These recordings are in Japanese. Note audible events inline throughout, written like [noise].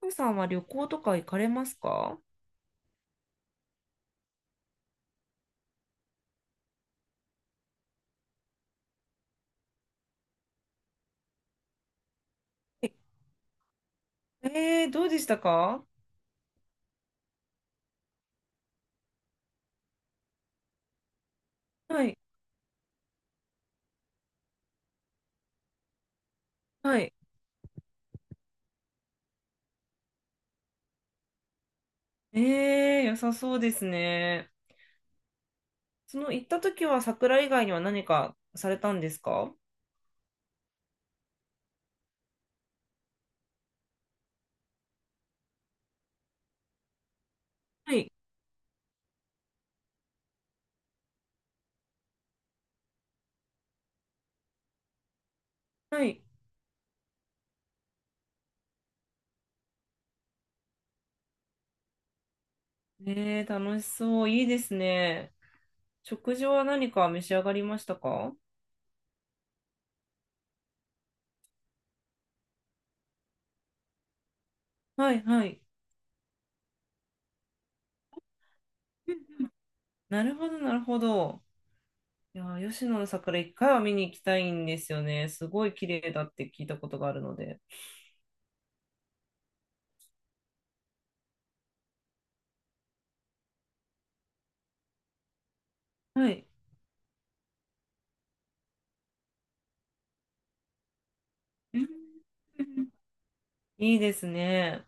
ふうさんは旅行とか行かれますか？ええー、どうでしたか？はい、はい。ええー、良さそうですね。その行った時は桜以外には何かされたんですか？はい、はい。ええー、楽しそう。いいですね。食事は何か召し上がりましたか？はい、はい。うんうん。なるほど、なるほど。いやー、吉野の桜一回は見に行きたいんですよね。すごい綺麗だって聞いたことがあるので。はい。うん、いいですね。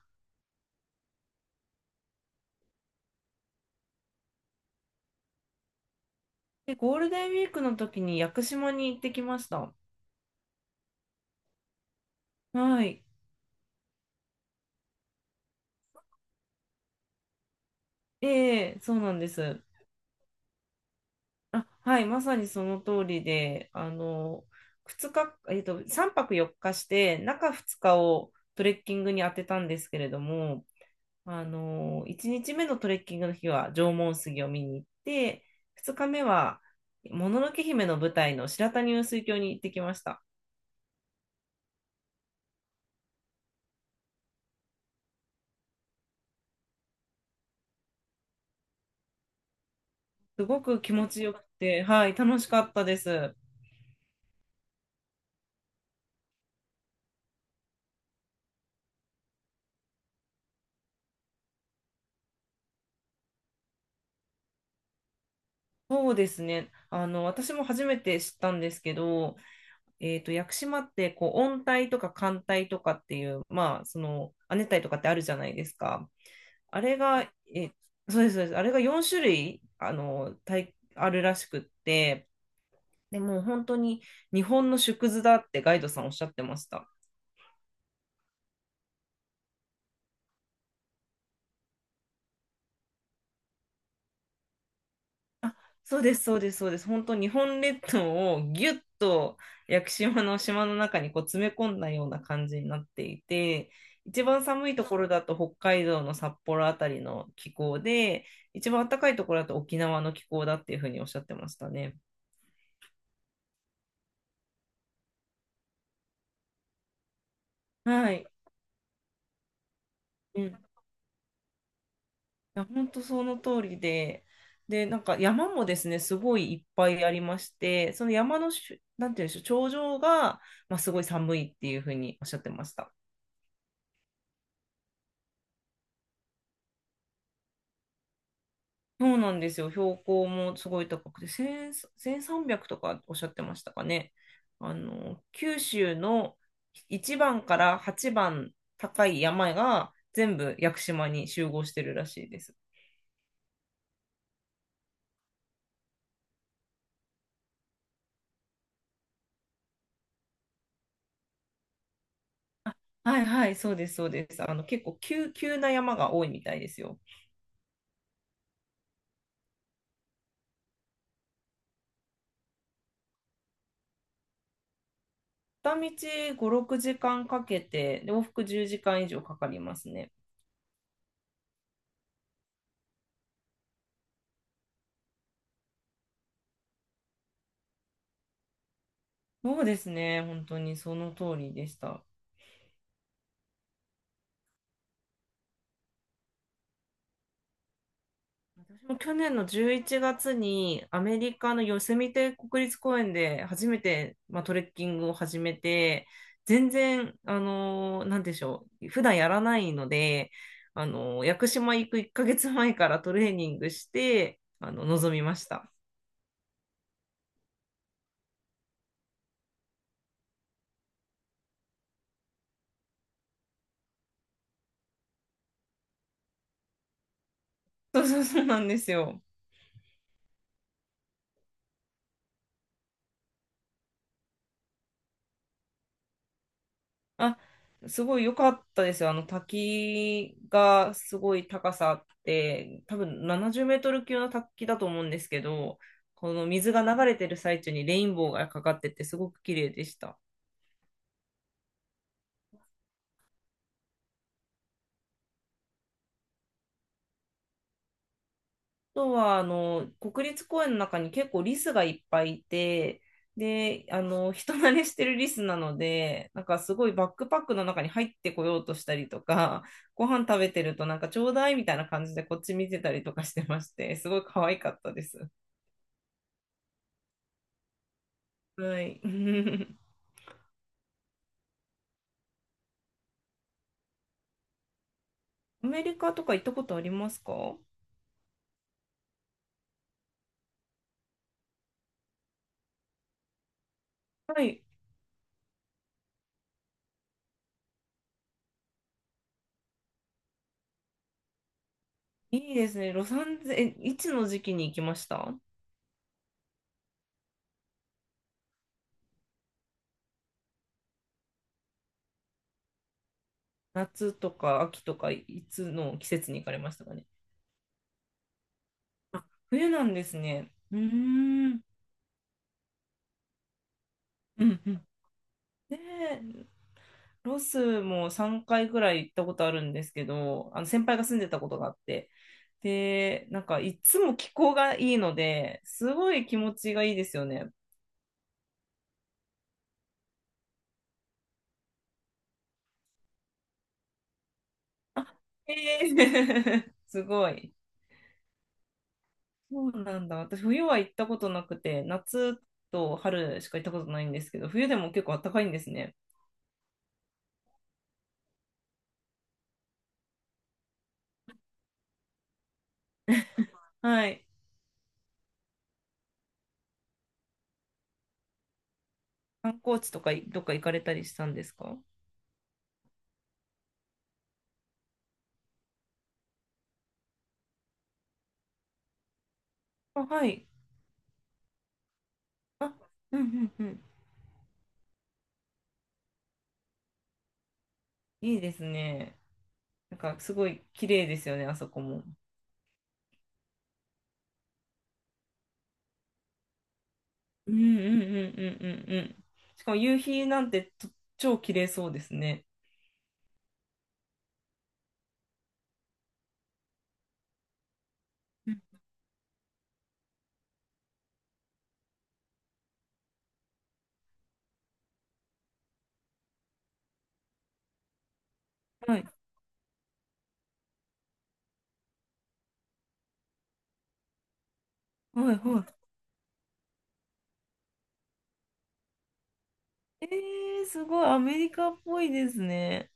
で、ゴールデンウィークの時に屋久島に行ってきました。はい。ええ、そうなんです。あ、はい、まさにその通りで、2日、3泊4日して、中2日をトレッキングに当てたんですけれども、1日目のトレッキングの日は縄文杉を見に行って、2日目は、もののけ姫の舞台の白谷雲水峡に行ってきました。すごく気持ちよくて、はい、楽しかったです。そうですね。私も初めて知ったんですけど、屋久島って、こう、温帯とか寒帯とかっていう、まあ、その、亜熱帯とかってあるじゃないですか。あれが、え、そうです、そうです。あれが4種類、帯、あるらしくって、でもう本当に日本の縮図だってガイドさんおっしゃってました。そうです、そうです、そうです。本当、日本列島をぎゅっと屋久島の島の中にこう詰め込んだような感じになっていて、一番寒いところだと北海道の札幌あたりの気候で、一番暖かいところだと沖縄の気候だっていうふうにおっしゃってましたね。はい。うん。いや、本当その通りで、で、なんか山もですね、すごいいっぱいありまして、その山のなんていうんでしょう、頂上が、まあ、すごい寒いっていうふうにおっしゃってました。そうなんですよ。標高もすごい高くて、1000、3 0 0とかおっしゃってましたかね。九州の1番から8番高い山が全部屋久島に集合してるらしいです。はいはい、そうです、そうです。結構急な山が多いみたいですよ。片道5、6時間かけて、で往復10時間以上かかりますね。そうですね。本当にその通りでした。私も去年の11月にアメリカのヨセミテ国立公園で初めて、まあ、トレッキングを始めて、全然、なんでしょう、普段やらないので、屋久島行く1ヶ月前からトレーニングして、臨みました。そうそうそうなんですよ。あ、すごい良かったですよ。あの滝がすごい高さあって、多分70メートル級の滝だと思うんですけど、この水が流れてる最中にレインボーがかかっててすごく綺麗でした。あとはあの国立公園の中に結構リスがいっぱいいて、で、人慣れしてるリスなので、なんかすごいバックパックの中に入ってこようとしたりとか、ご飯食べてるとなんかちょうだいみたいな感じでこっち見てたりとかしてまして、すごい可愛かったです。はい。[laughs] アメリカとか行ったことありますか？い。いいですね。ロサンゼル、えいつの時期に行きました？夏とか秋とかいつの季節に行かれましたかね？冬なんですね。うーん。うんうん。で、ロスも3回ぐらい行ったことあるんですけど、あの先輩が住んでたことがあって、で、なんかいつも気候がいいので、すごい気持ちがいいですよね。あ、えー [laughs] すごい。そうなんだ。私、冬は行ったことなくて、夏と春しか行ったことないんですけど、冬でも結構暖かいんですね。はい。観光地とかどっか行かれたりしたんですか？あ、はい。あ、うんうんうん。いいですね。なんかすごい綺麗ですよね、あそこも。うんうんうんうんうんうん。しかも夕日なんて超綺麗そうですね。うん。はいはいはい。えー、すごいアメリカっぽいですね。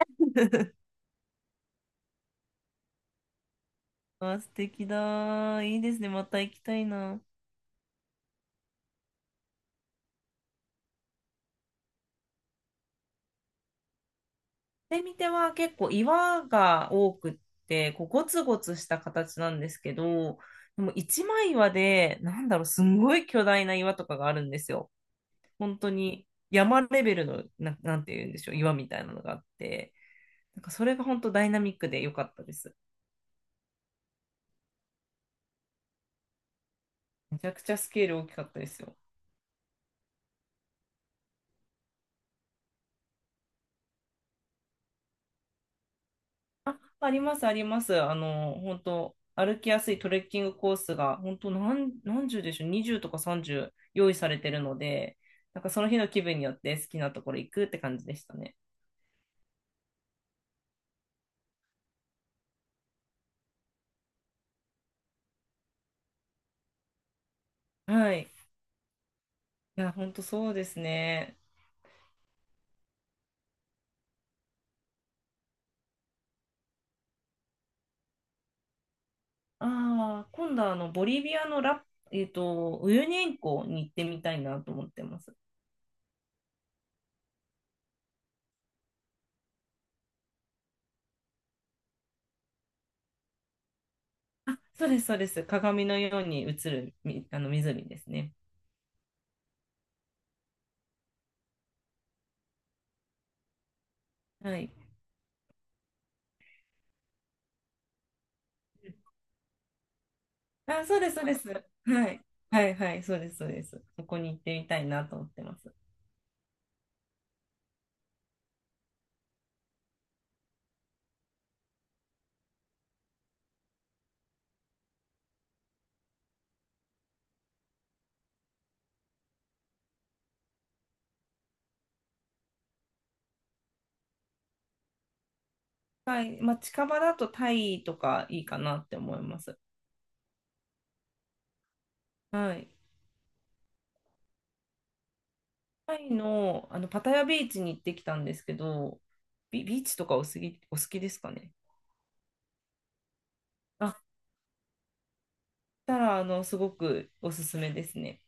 [laughs] あ、素敵だ。いいですね。また行きたいな。で、見ては結構岩が多くって、こうゴツゴツした形なんですけど、でも一枚岩で、なんだろう、すんごい巨大な岩とかがあるんですよ。本当に山レベルの、なんて言うんでしょう、岩みたいなのがあって、なんかそれが本当ダイナミックで良かったです。めちゃくちゃスケール大きかったですよ。あります、あります。本当歩きやすいトレッキングコースが、本当何十でしょう、20とか30用意されてるので、なんかその日の気分によって好きなところ行くって感じでしたね。はい。いや、本当そうですね。ああ、今度はボリビアのウユニ塩湖に行ってみたいなと思ってます。あ、そうです、そうです。鏡のように映るあの湖ですね。はい。あ、そうです、そうです。はい。はい、はい、そうです、そうです。そこに行ってみたいなと思ってます。はい。まあ、近場だとタイとかいいかなって思います。はい。タイの、パタヤビーチに行ってきたんですけど、ビーチとかお好きですかね。あ、したら、すごくおすすめですね。